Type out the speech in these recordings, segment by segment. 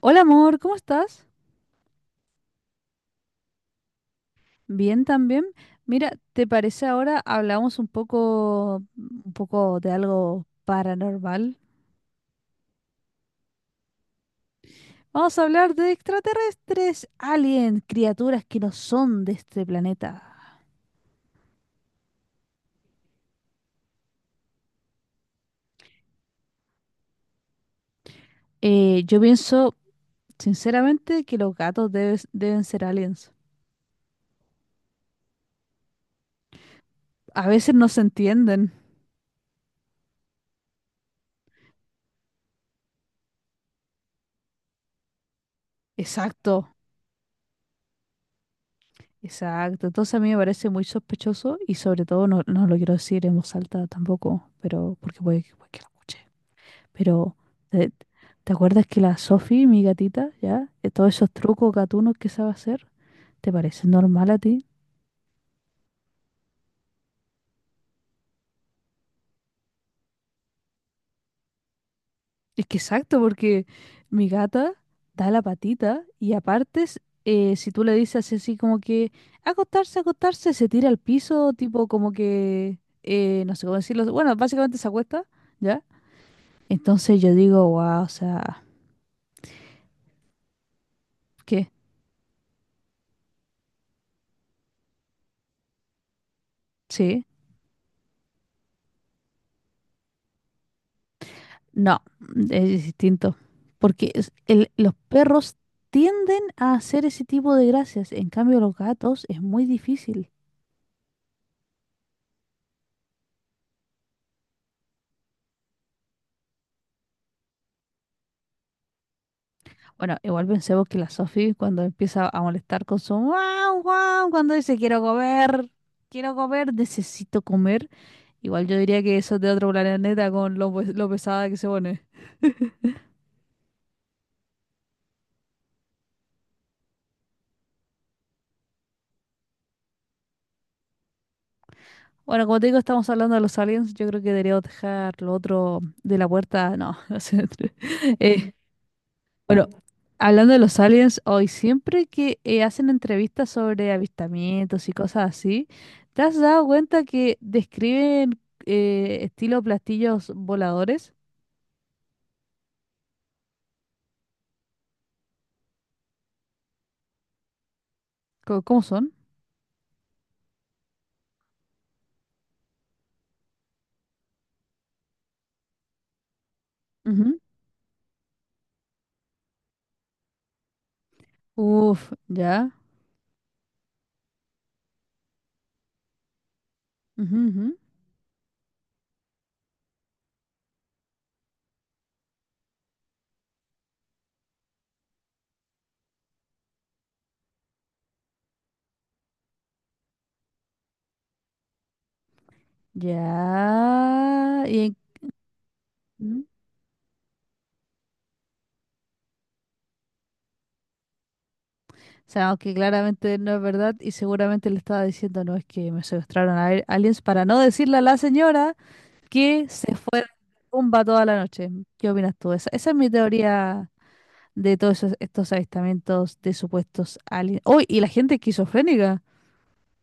Hola amor, ¿cómo estás? Bien también. Mira, ¿te parece ahora hablamos un poco de algo paranormal? Vamos a hablar de extraterrestres, aliens, criaturas que no son de este planeta. Yo pienso, sinceramente, que los gatos deben ser aliens. A veces no se entienden. Exacto, exacto. Entonces a mí me parece muy sospechoso y sobre todo no lo quiero decir en voz alta tampoco, pero porque puede que lo escuche. Pero, eh, ¿te acuerdas que la Sophie, mi gatita, ya, todos esos trucos gatunos que sabe hacer, ¿te parece normal a ti? Es que exacto, porque mi gata da la patita y aparte, si tú le dices así como que acostarse, acostarse, se tira al piso, tipo como que, no sé cómo decirlo, bueno, básicamente se acuesta, ¿ya? Entonces yo digo, wow, o sea, ¿qué? Sí. No, es distinto. Porque los perros tienden a hacer ese tipo de gracias. En cambio, los gatos es muy difícil. Bueno, igual pensemos que la Sophie cuando empieza a molestar con su guau, guau, cuando dice quiero comer, necesito comer. Igual yo diría que eso es de otro planeta con lo pesada que se pone. Bueno, como te digo, estamos hablando de los aliens. Yo creo que deberíamos dejar lo otro de la puerta. No, no sé. Eh, Bueno, hablando de los aliens, hoy siempre que hacen entrevistas sobre avistamientos y cosas así, ¿te has dado cuenta que describen estilo platillos voladores? ¿Cómo, son? Ujú. Uf, ya. Ujú, ujú. Ya. Ujú. O sea, aunque claramente no es verdad y seguramente le estaba diciendo, no, es que me secuestraron a aliens para no decirle a la señora que se fue de rumba toda la noche. ¿Qué opinas tú? Esa es mi teoría de estos avistamientos de supuestos aliens. ¡Oh! Y la gente esquizofrénica.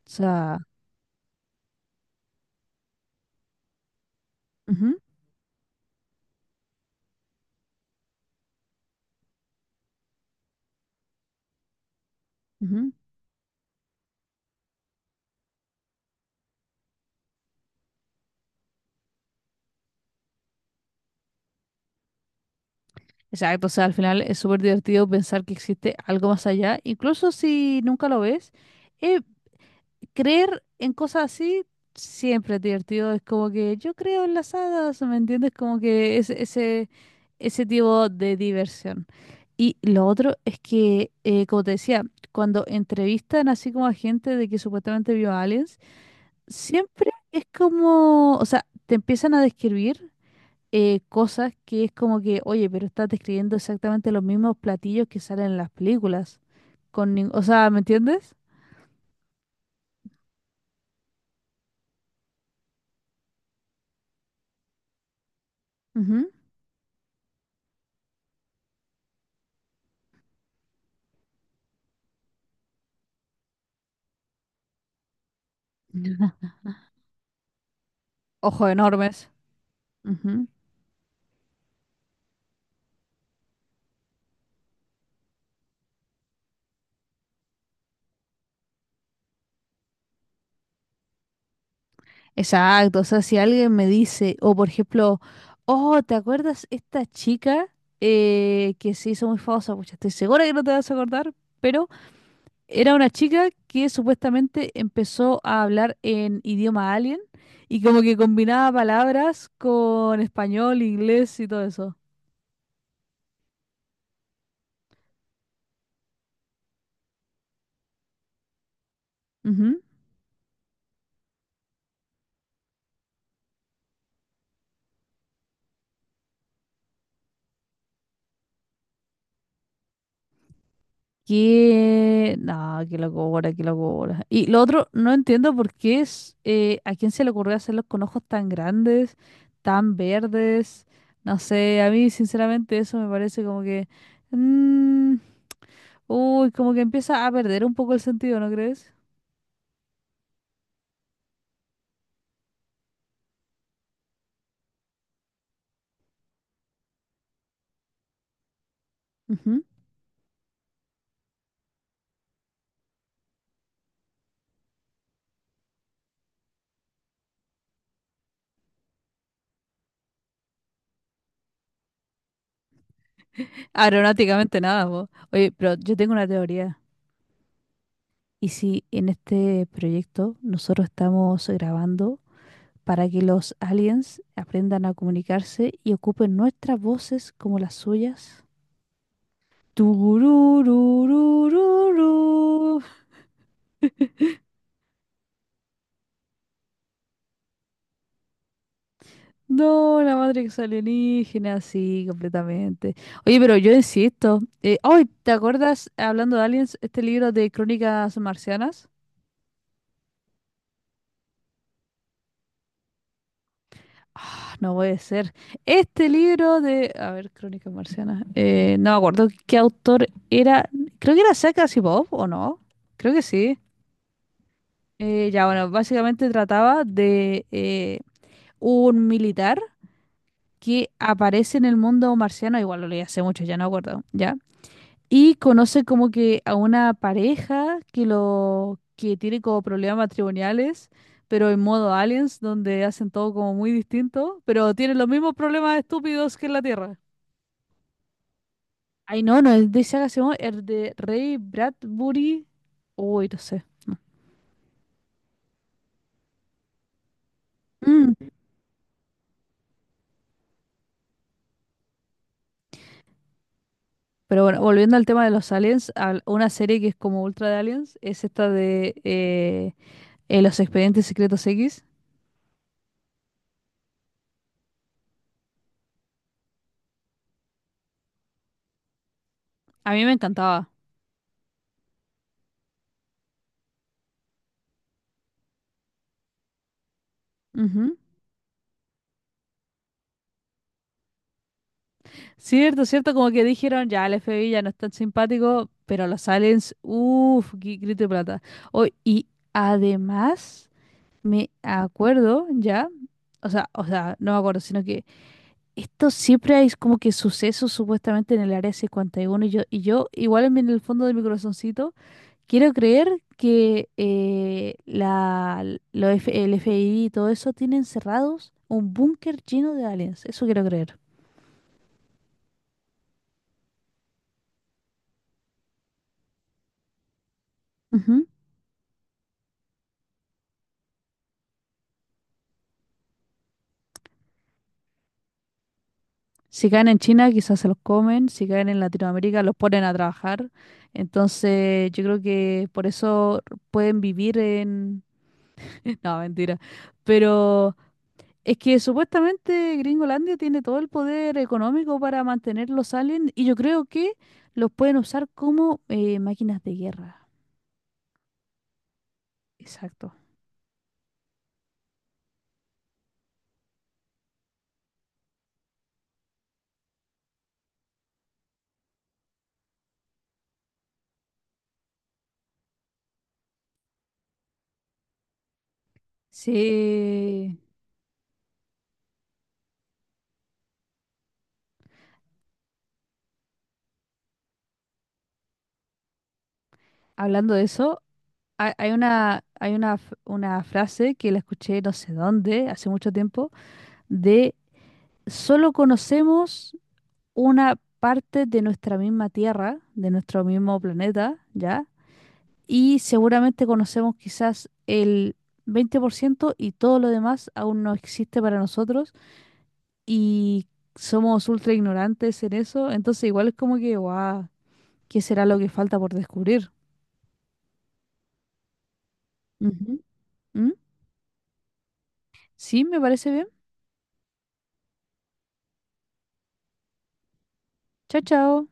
O sea, ujú, ujú. Exacto, o sea, al final es súper divertido pensar que existe algo más allá, incluso si nunca lo ves. Eh, Creer en cosas así siempre es divertido, es como que yo creo en las hadas, ¿me entiendes? Como que es, ese tipo de diversión. Y lo otro es que, como te decía, cuando entrevistan así como a gente de que supuestamente vio aliens, siempre es como, o sea, te empiezan a describir cosas que es como que, oye, pero estás describiendo exactamente los mismos platillos que salen en las películas. O sea, ¿me entiendes? Ujú. Ujú. Ojos enormes. Ujú. Exacto, o sea, si alguien me dice, o por ejemplo, oh, ¿te acuerdas esta chica que se hizo muy famosa? Pues estoy segura que no te vas a acordar, pero era una chica que supuestamente empezó a hablar en idioma alien y como que combinaba palabras con español, inglés y todo eso. Ujú. Que... No, qué locura, qué locura. Y lo otro, no entiendo por qué es... ¿a quién se le ocurrió hacerlos con ojos tan grandes, tan verdes? No sé, a mí sinceramente eso me parece como que... mm, uy, como que empieza a perder un poco el sentido, ¿no crees? Aeronáuticamente nada, po. Oye, pero yo tengo una teoría. ¿Y si en este proyecto nosotros estamos grabando para que los aliens aprendan a comunicarse y ocupen nuestras voces como las suyas? Tururururururu. No, la Matrix alienígena, sí, completamente. Oye, pero yo insisto. Ay, ¿te acuerdas, hablando de aliens, este libro de Crónicas Marcianas? Ah, no puede ser. Este libro de, a ver, Crónicas Marcianas. No me acuerdo qué autor era. Creo que era Isaac Asimov, ¿o no? Creo que sí. Ya, bueno, básicamente trataba de un militar que aparece en el mundo marciano. Igual lo leí hace mucho, ya no me acuerdo. Ya y conoce como que a una pareja que lo que tiene como problemas matrimoniales, pero en modo aliens, donde hacen todo como muy distinto, pero tienen los mismos problemas estúpidos que en la Tierra. Ay, no, es de Isaac Asimov, es de Ray Bradbury. Uy, no sé. Mm. Pero bueno, volviendo al tema de los aliens, una serie que es como ultra de aliens es esta de Los Expedientes Secretos X. A mí me encantaba. Ujú. Cierto, cierto, como que dijeron, ya el FBI ya no es tan simpático, pero los aliens, uff, grito de plata. Oh, y además, me acuerdo ya, no me acuerdo, sino que esto siempre hay como que sucesos supuestamente en el área 51 y uno y yo igual en en el fondo de mi corazoncito, quiero creer que la, el FBI y todo eso tienen cerrados un búnker lleno de aliens, eso quiero creer. Si caen en China, quizás se los comen, si caen en Latinoamérica, los ponen a trabajar. Entonces, yo creo que por eso pueden vivir en... No, mentira. Pero es que supuestamente Gringolandia tiene todo el poder económico para mantener los aliens y yo creo que los pueden usar como máquinas de guerra. Exacto. Sí, hablando de eso, hay una, una frase que la escuché no sé dónde, hace mucho tiempo, de solo conocemos una parte de nuestra misma Tierra, de nuestro mismo planeta, ¿ya? Y seguramente conocemos quizás el 20% y todo lo demás aún no existe para nosotros y somos ultra ignorantes en eso, entonces igual es como que, guau, ¿qué será lo que falta por descubrir? Ujú. ¿Mm? Sí, me parece bien. Chao, chao.